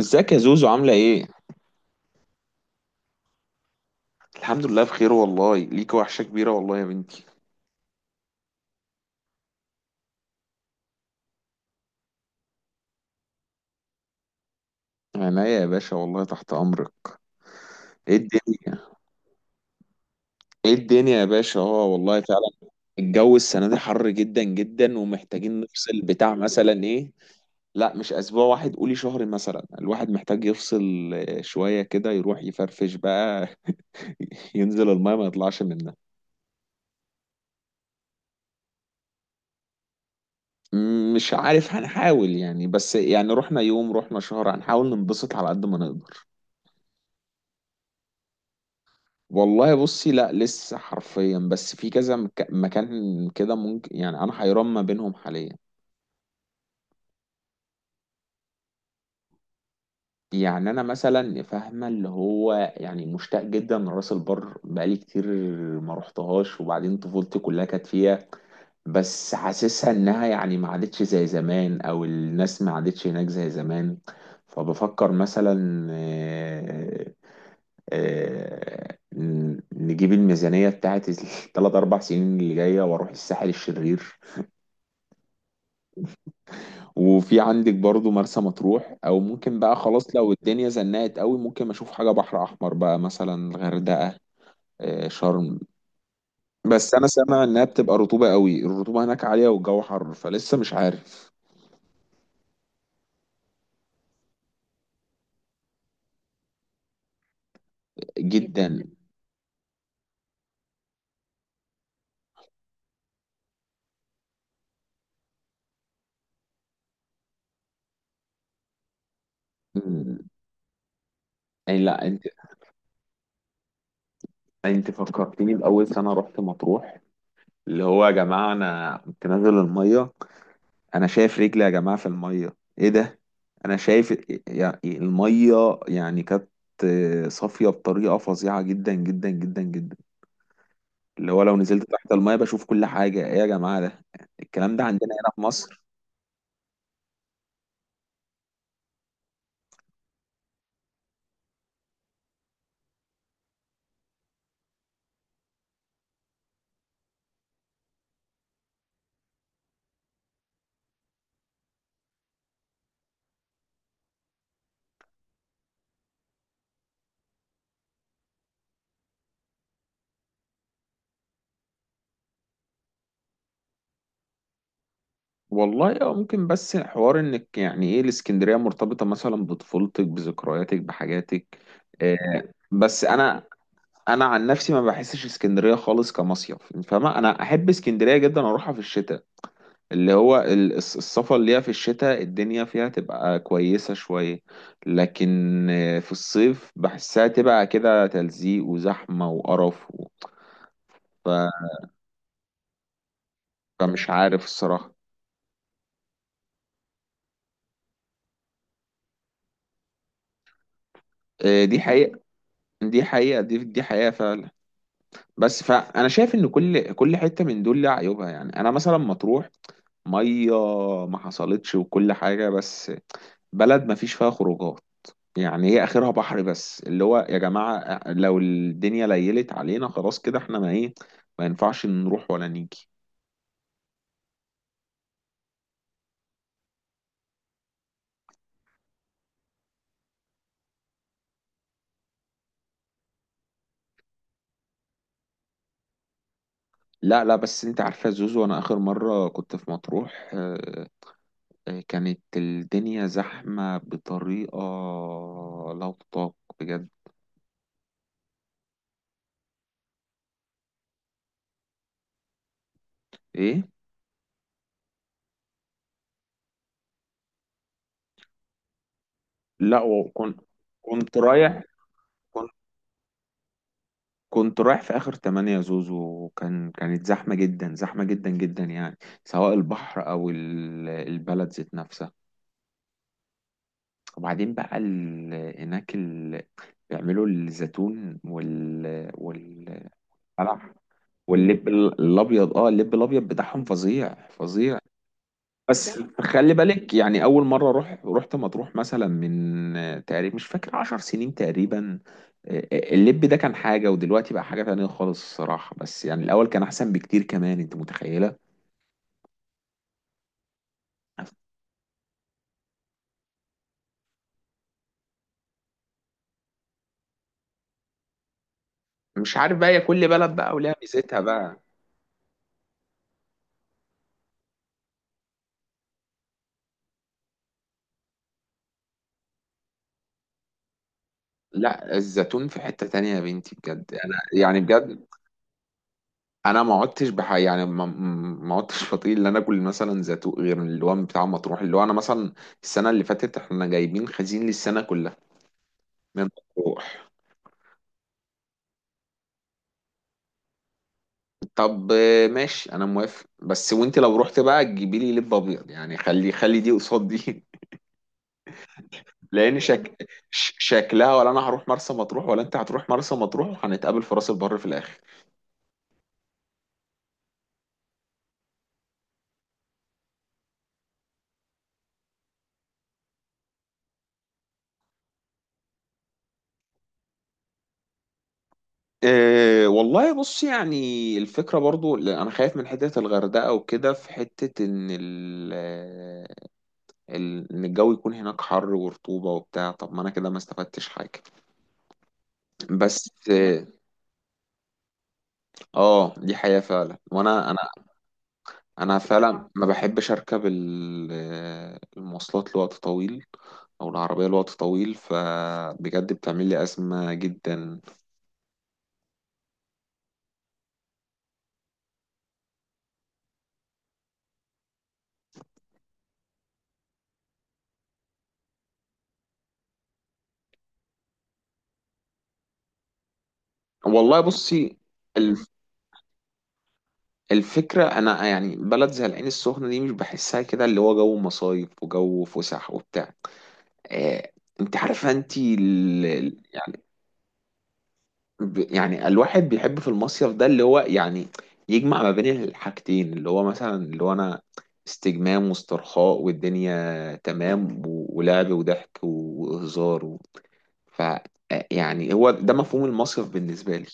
ازيك يا زوزو، عاملة ايه؟ الحمد لله بخير والله، ليك وحشة كبيرة والله يا بنتي. عينيا يا باشا والله، تحت أمرك. ايه الدنيا؟ ايه الدنيا يا باشا، اه والله فعلا. الجو السنة دي حر جدا جدا، ومحتاجين نفصل بتاع مثلا ايه؟ لا، مش أسبوع واحد، قولي شهر مثلا. الواحد محتاج يفصل شوية كده، يروح يفرفش بقى. ينزل الماء ما يطلعش منها. مش عارف، هنحاول يعني، بس يعني رحنا يوم، رحنا شهر، هنحاول ننبسط على قد ما نقدر. والله بصي، لا لسه حرفيا، بس في كذا مكان كده ممكن، يعني انا حيران ما بينهم حاليا. يعني انا مثلا فاهمه، اللي هو يعني مشتاق جدا لراس البر، بقالي كتير ما رحتهاش، وبعدين طفولتي كلها كانت فيها. بس حاسسها انها يعني ما عادتش زي زمان، او الناس ما عادتش هناك زي زمان. فبفكر مثلا نجيب الميزانية بتاعت الثلاث أربع سنين اللي جاية، وأروح الساحل الشرير. وفي عندك برضو مرسى مطروح، او ممكن بقى خلاص، لو الدنيا زنقت قوي ممكن اشوف حاجه بحر احمر بقى، مثلا الغردقه. شرم. بس انا سامع انها بتبقى رطوبه قوي، الرطوبه هناك عاليه والجو حر، فلسه مش عارف. جدا. مم. يعني لا، انت فكرتني باول سنه رحت مطروح. اللي هو يا جماعه، انا كنت نازل الميه، انا شايف رجلي يا جماعه في الميه، ايه ده؟ انا شايف يعني الميه يعني كانت صافيه بطريقه فظيعه جدا جدا جدا جدا. اللي هو لو نزلت تحت الميه بشوف كل حاجه، ايه يا جماعه ده الكلام ده عندنا هنا في مصر؟ والله اه ممكن، بس حوار انك يعني ايه، الاسكندريه مرتبطه مثلا بطفولتك، بذكرياتك، بحاجاتك. آه. بس انا عن نفسي ما بحسش اسكندريه خالص كمصيف. فاهمه، انا احب اسكندريه جدا، اروحها في الشتاء. اللي هو السفر اللي هي في الشتاء، الدنيا فيها تبقى كويسة شوية. لكن في الصيف بحسها تبقى كده تلزيق وزحمة وقرف ف... فمش عارف الصراحة. إيه، دي حقيقة دي حقيقة دي حقيقة فعلا. بس فأنا شايف إن كل حتة من دول لها عيوبها. يعني أنا مثلا مطروح مية ما حصلتش، وكل حاجة بس بلد ما فيش فيها خروجات، يعني هي اخرها بحر بس. اللي هو يا جماعة لو الدنيا ليلت علينا، خلاص كده احنا ما ايه، ما ينفعش نروح ولا نيجي. لا لا، بس انت عارفة يا زوزو، انا اخر مرة كنت في مطروح كانت الدنيا زحمة بطريقة لا تطاق، بجد. ايه، لا وكنت كنت رايح كنت كنت رايح في اخر تمانية يا زوزو، كانت زحمة جدا، زحمة جدا جدا يعني، سواء البحر او البلد ذات نفسها. وبعدين بقى هناك بيعملوا الزيتون والقلع. واللب الابيض، اه اللب الابيض بتاعهم فظيع فظيع. بس خلي بالك، يعني اول مره رحت مطروح مثلا من تقريبا، مش فاكر، عشر سنين تقريبا. اللب ده كان حاجه، ودلوقتي بقى حاجه تانية خالص الصراحه. بس يعني الاول كان احسن بكتير، كمان انت متخيله. مش عارف بقى، هي كل بلد بقى وليها ميزتها بقى. لا، الزيتون في حتة تانية يا بنتي، بجد انا يعني بجد انا ما عدتش بح يعني ما ما عدتش بطيق ان انا اكل مثلا زيتون غير اللي هو بتاع مطروح. اللي هو انا مثلا السنه اللي فاتت احنا جايبين خزين للسنه كلها من مطروح. طب ماشي، انا موافق. بس وانت لو رحت بقى تجيبي لي لب ابيض، يعني خلي خلي دي قصاد دي. لان شكلها، ولا انا هروح مرسى مطروح، ولا انت هتروح مرسى مطروح، وهنتقابل في راس البر في الاخر. أه والله بص، يعني الفكرة برضو لا، أنا خايف من حتة الغردقة وكده، في حتة إن ان الجو يكون هناك حر ورطوبة وبتاع، طب ما انا كده ما استفدتش حاجة. بس دي حقيقة فعلا، وانا انا انا فعلا ما بحبش اركب المواصلات لوقت طويل، او العربية لوقت طويل، فبجد بتعمل لي أزمة جدا. والله بصي الف- الفكرة، أنا يعني بلد زي العين السخنة دي مش بحسها كده، اللي هو جو مصايف وجو فسح وبتاع آه، أنت عارفة. أنت يعني الواحد بيحب في المصيف ده اللي هو يعني يجمع ما بين الحاجتين، اللي هو مثلا اللي هو انا استجمام واسترخاء، والدنيا تمام ولعب وضحك وهزار و... ف يعني هو ده مفهوم المصيف بالنسبة لي.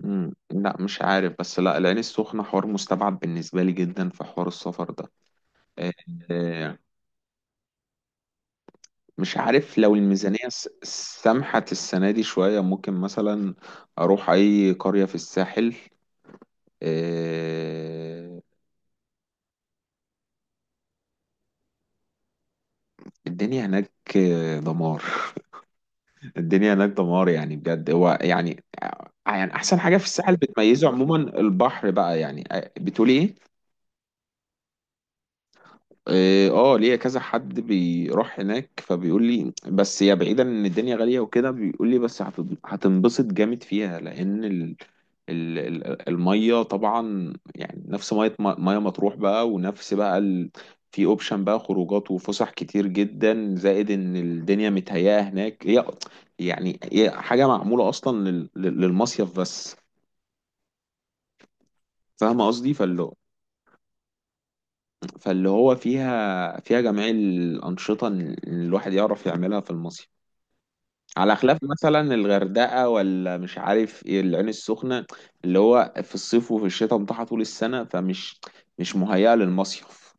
مم. لا مش عارف، بس لا، العين السخنة حوار مستبعد بالنسبة لي جدا في حوار السفر ده. آه، مش عارف، لو الميزانية سمحت السنة دي شوية، ممكن مثلا أروح أي قرية في الساحل. آه، الدنيا هناك دمار. الدنيا هناك دمار، يعني بجد. هو يعني، يعني احسن حاجه في الساحل بتميزه عموما البحر بقى، يعني بتقولي ايه. اه ليا كذا حد بيروح هناك، فبيقول لي بس يا بعيدا ان الدنيا غالية وكده، بيقول لي بس هتنبسط جامد فيها، لان المية طبعا، يعني نفس مية مطروح بقى، ونفس بقى في اوبشن بقى خروجات وفسح كتير جدا، زائد ان الدنيا متهيئة هناك هي، يعني هي حاجة معمولة اصلا للمصيف بس. فاهمة قصدي؟ فاللي هو فيها جميع الأنشطة اللي الواحد يعرف يعملها في المصيف، على خلاف مثلا الغردقة، ولا مش عارف ايه العين السخنة. اللي هو في الصيف وفي الشتاء متاحة طول السنة، فمش مش مهيئة للمصيف.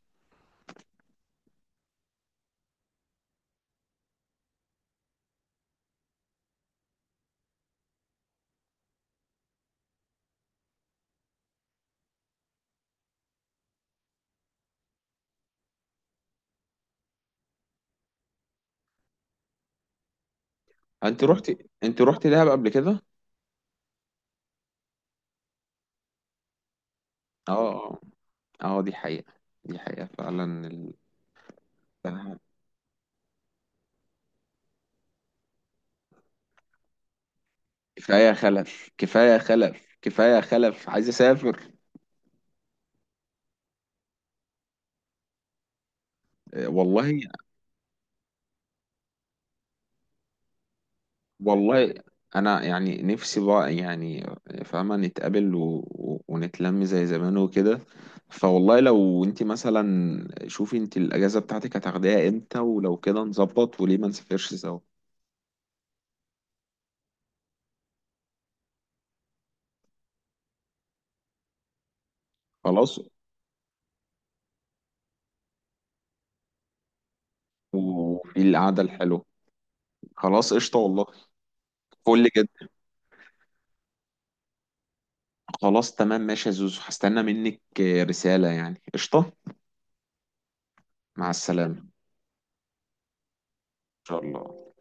انت رحت انت رحت دهب قبل كده؟ اه اه، دي حقيقة، دي حقيقة فعلا كفاية خلف، كفاية خلف، كفاية خلف، عايز اسافر. والله. والله انا يعني نفسي بقى، يعني فاهمه نتقابل ونتلم زي زمان وكده. فوالله لو انت مثلا، شوفي انت الاجازه بتاعتك هتاخديها امتى، ولو كده نظبط، وليه ما نسافرش سوا. خلاص. وفي القعده الحلوه. خلاص قشطه والله، فل جدا. خلاص تمام ماشي يا زوزو، هستنى منك رساله يعني، قشطه. مع السلامه، ان شاء الله.